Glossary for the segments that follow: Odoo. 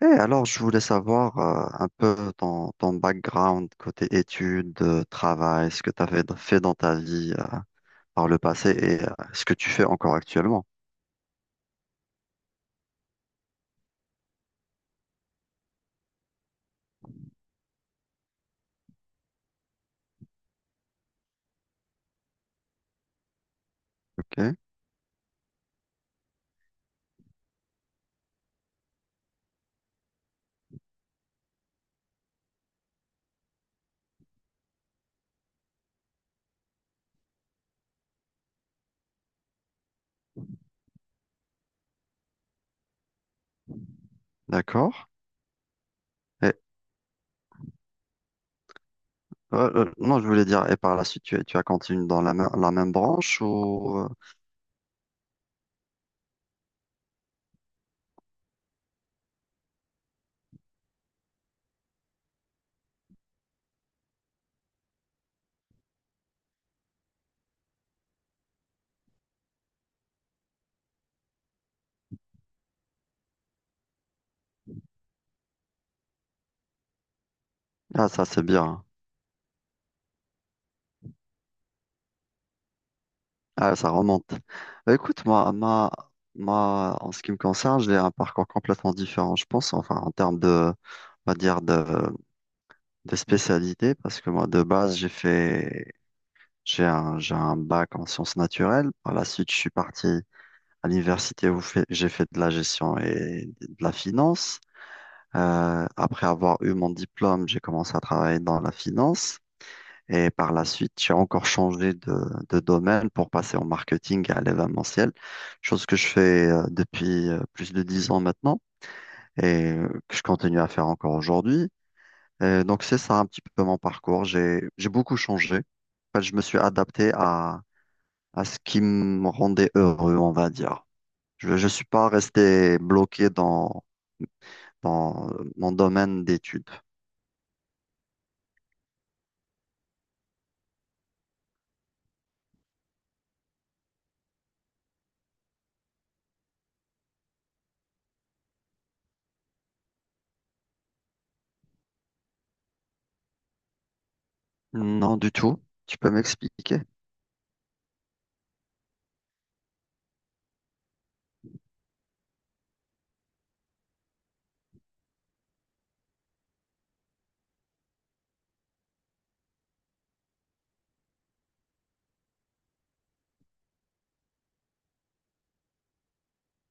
Et alors, je voulais savoir un peu ton background côté études, travail, ce que tu avais fait dans ta vie par le passé et ce que tu fais encore actuellement. Ok, d'accord. Et non, je voulais dire, et par la suite, tu as continué dans la même branche ou… Ah, ça, c'est bien. Ah, ça remonte. Bah, écoute, ma, en ce qui me concerne, j'ai un parcours complètement différent, je pense, enfin, en termes de, on va dire, de spécialité, parce que moi, de base, j'ai fait. J'ai j'ai un bac en sciences naturelles. Par la suite, je suis parti à l'université où j'ai fait de la gestion et de la finance. Après avoir eu mon diplôme, j'ai commencé à travailler dans la finance. Et par la suite, j'ai encore changé de domaine pour passer au marketing et à l'événementiel, chose que je fais depuis plus de dix ans maintenant et que je continue à faire encore aujourd'hui. Et donc, c'est ça un petit peu mon parcours. J'ai beaucoup changé. En fait, je me suis adapté à ce qui me rendait heureux, on va dire. Je ne suis pas resté bloqué dans mon domaine d'études. Non, du tout. Tu peux m'expliquer?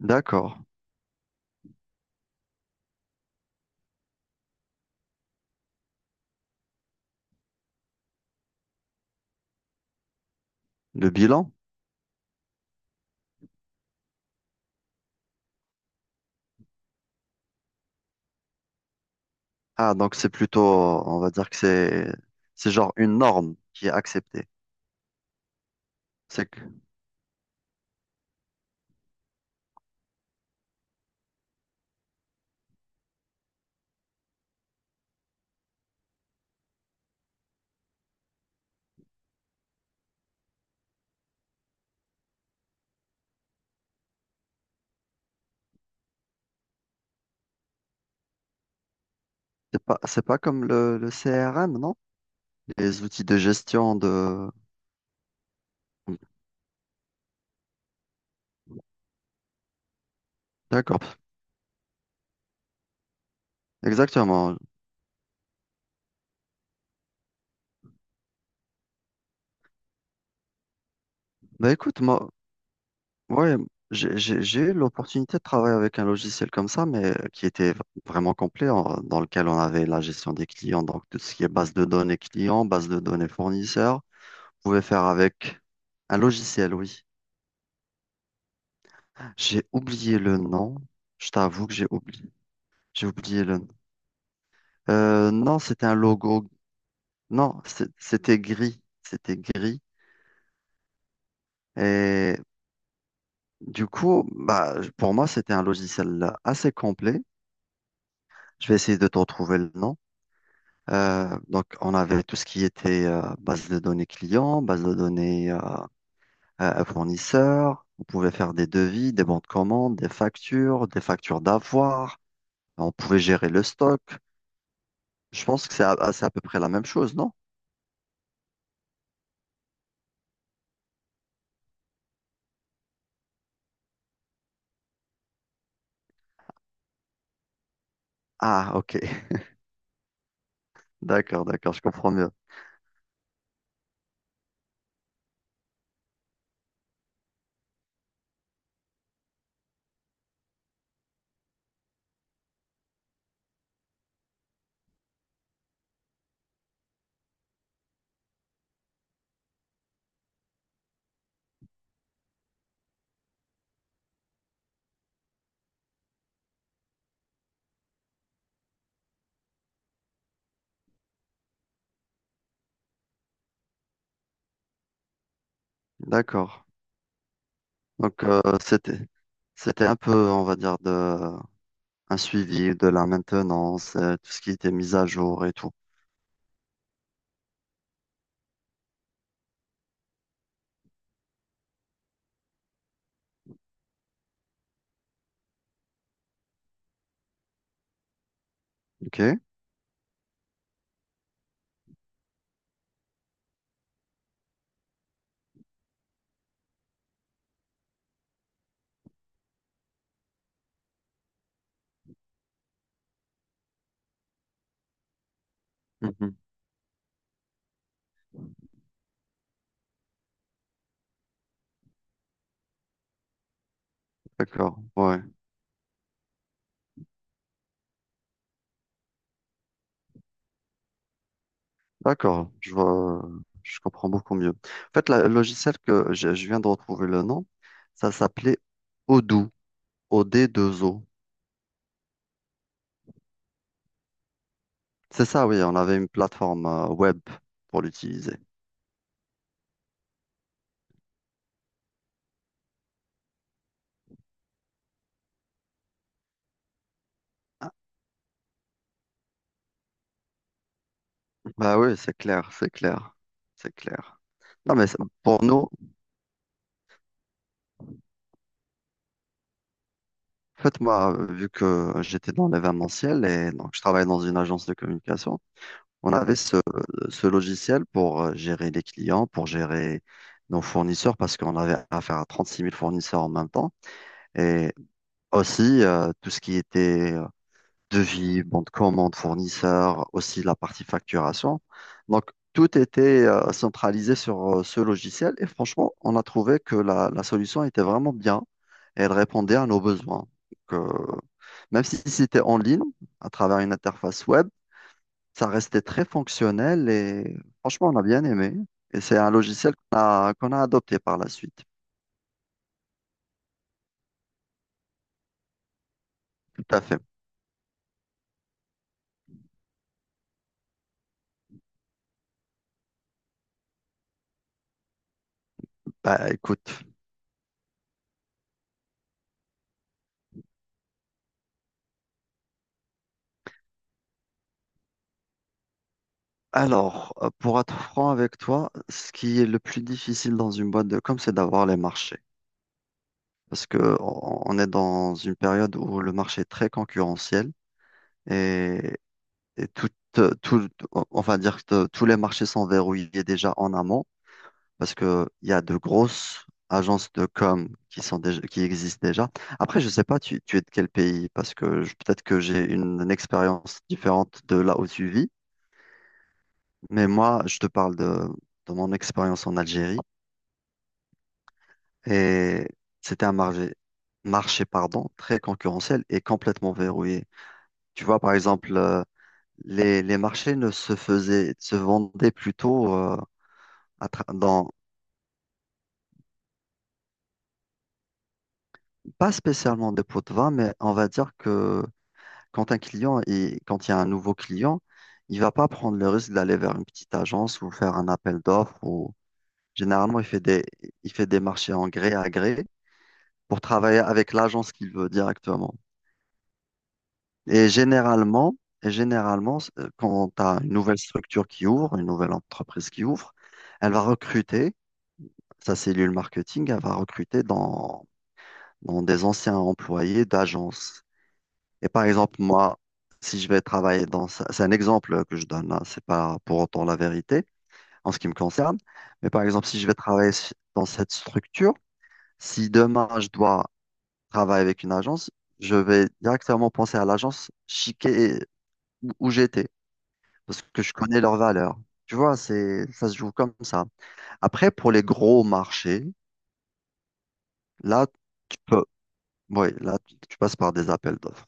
D'accord. Le bilan? Ah, donc on va dire que c'est genre une norme qui est acceptée. C'est que- c'est pas comme le CRM, non? Les outils de gestion de… D'accord. Exactement. Bah écoute, moi, ouais, j'ai eu l'opportunité de travailler avec un logiciel comme ça, mais qui était vraiment complet, dans lequel on avait la gestion des clients, donc tout ce qui est base de données clients, base de données fournisseurs. On pouvait faire avec un logiciel, oui. J'ai oublié le nom. Je t'avoue que j'ai oublié. J'ai oublié le nom. Non, c'était un logo. Non, c'était gris. C'était gris. Et du coup, bah, pour moi, c'était un logiciel assez complet. Je vais essayer de te retrouver le nom. Donc, on avait tout ce qui était base de données clients, base de données fournisseurs. On pouvait faire des devis, des bons de commande, des factures d'avoir. On pouvait gérer le stock. Je pense que c'est c'est à peu près la même chose, non? Ah, ok. D'accord, d'accord, je comprends mieux. D'accord. Donc, c'était un peu, on va dire, de, un suivi de la maintenance, tout ce qui était mis à jour et tout. Ok? Mhm. D'accord, ouais. D'accord, je vois, je comprends beaucoup mieux. En fait, le logiciel je viens de retrouver le nom, ça s'appelait Odoo, o d deux o. C'est ça, oui, on avait une plateforme web pour l'utiliser. Ah, bah oui, c'est clair. Non, mais pour nous, en fait, moi, vu que j'étais dans l'événementiel et donc je travaille dans une agence de communication, on avait ce logiciel pour gérer les clients, pour gérer nos fournisseurs, parce qu'on avait affaire à trente-six mille fournisseurs en même temps. Et aussi, tout ce qui était devis, bon de commande, fournisseur, aussi la partie facturation. Donc, tout était centralisé sur ce logiciel et franchement, on a trouvé que la solution était vraiment bien et elle répondait à nos besoins. Donc, même si c'était en ligne, à travers une interface web, ça restait très fonctionnel et franchement, on a bien aimé. Et c'est un logiciel qu'on a adopté par la suite. Tout à fait. Bah, écoute. Alors, pour être franc avec toi, ce qui est le plus difficile dans une boîte de com, c'est d'avoir les marchés. Parce que on est dans une période où le marché est très concurrentiel et, et tout, on va dire que tous les marchés sont verrouillés déjà en amont parce que il y a de grosses agences de com qui sont qui existent déjà. Après, je sais pas, tu es de quel pays parce que peut-être que j'ai une expérience différente de là où tu vis. Mais moi, je te parle de mon expérience en Algérie. Et c'était marché pardon, très concurrentiel et complètement verrouillé. Tu vois, par exemple, les marchés ne se faisaient, se vendaient plutôt à tra- dans, pas spécialement des pots de vin, mais on va dire que quand quand il y a un nouveau client, il va pas prendre le risque d'aller vers une petite agence ou faire un appel d'offres ou généralement, il fait des marchés en gré à gré pour travailler avec l'agence qu'il veut directement. Et généralement, et généralement, quand tu as une nouvelle structure qui ouvre, une nouvelle entreprise qui ouvre, elle va recruter, sa cellule marketing, elle va recruter dans des anciens employés d'agence. Et par exemple, moi, si je vais travailler c'est un exemple que je donne, hein, c'est pas pour autant la vérité en ce qui me concerne, mais par exemple, si je vais travailler dans cette structure, si demain je dois travailler avec une agence, je vais directement penser à l'agence chiquée où j'étais. Parce que je connais leurs valeurs. Tu vois, ça se joue comme ça. Après, pour les gros marchés, là, tu peux, ouais, là, tu passes par des appels d'offres.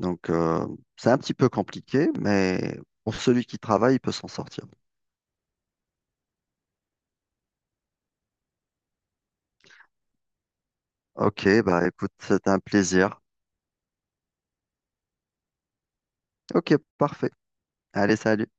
Donc, c'est un petit peu compliqué, mais pour celui qui travaille, il peut s'en sortir. Ok, bah écoute, c'est un plaisir. Ok, parfait. Allez, salut.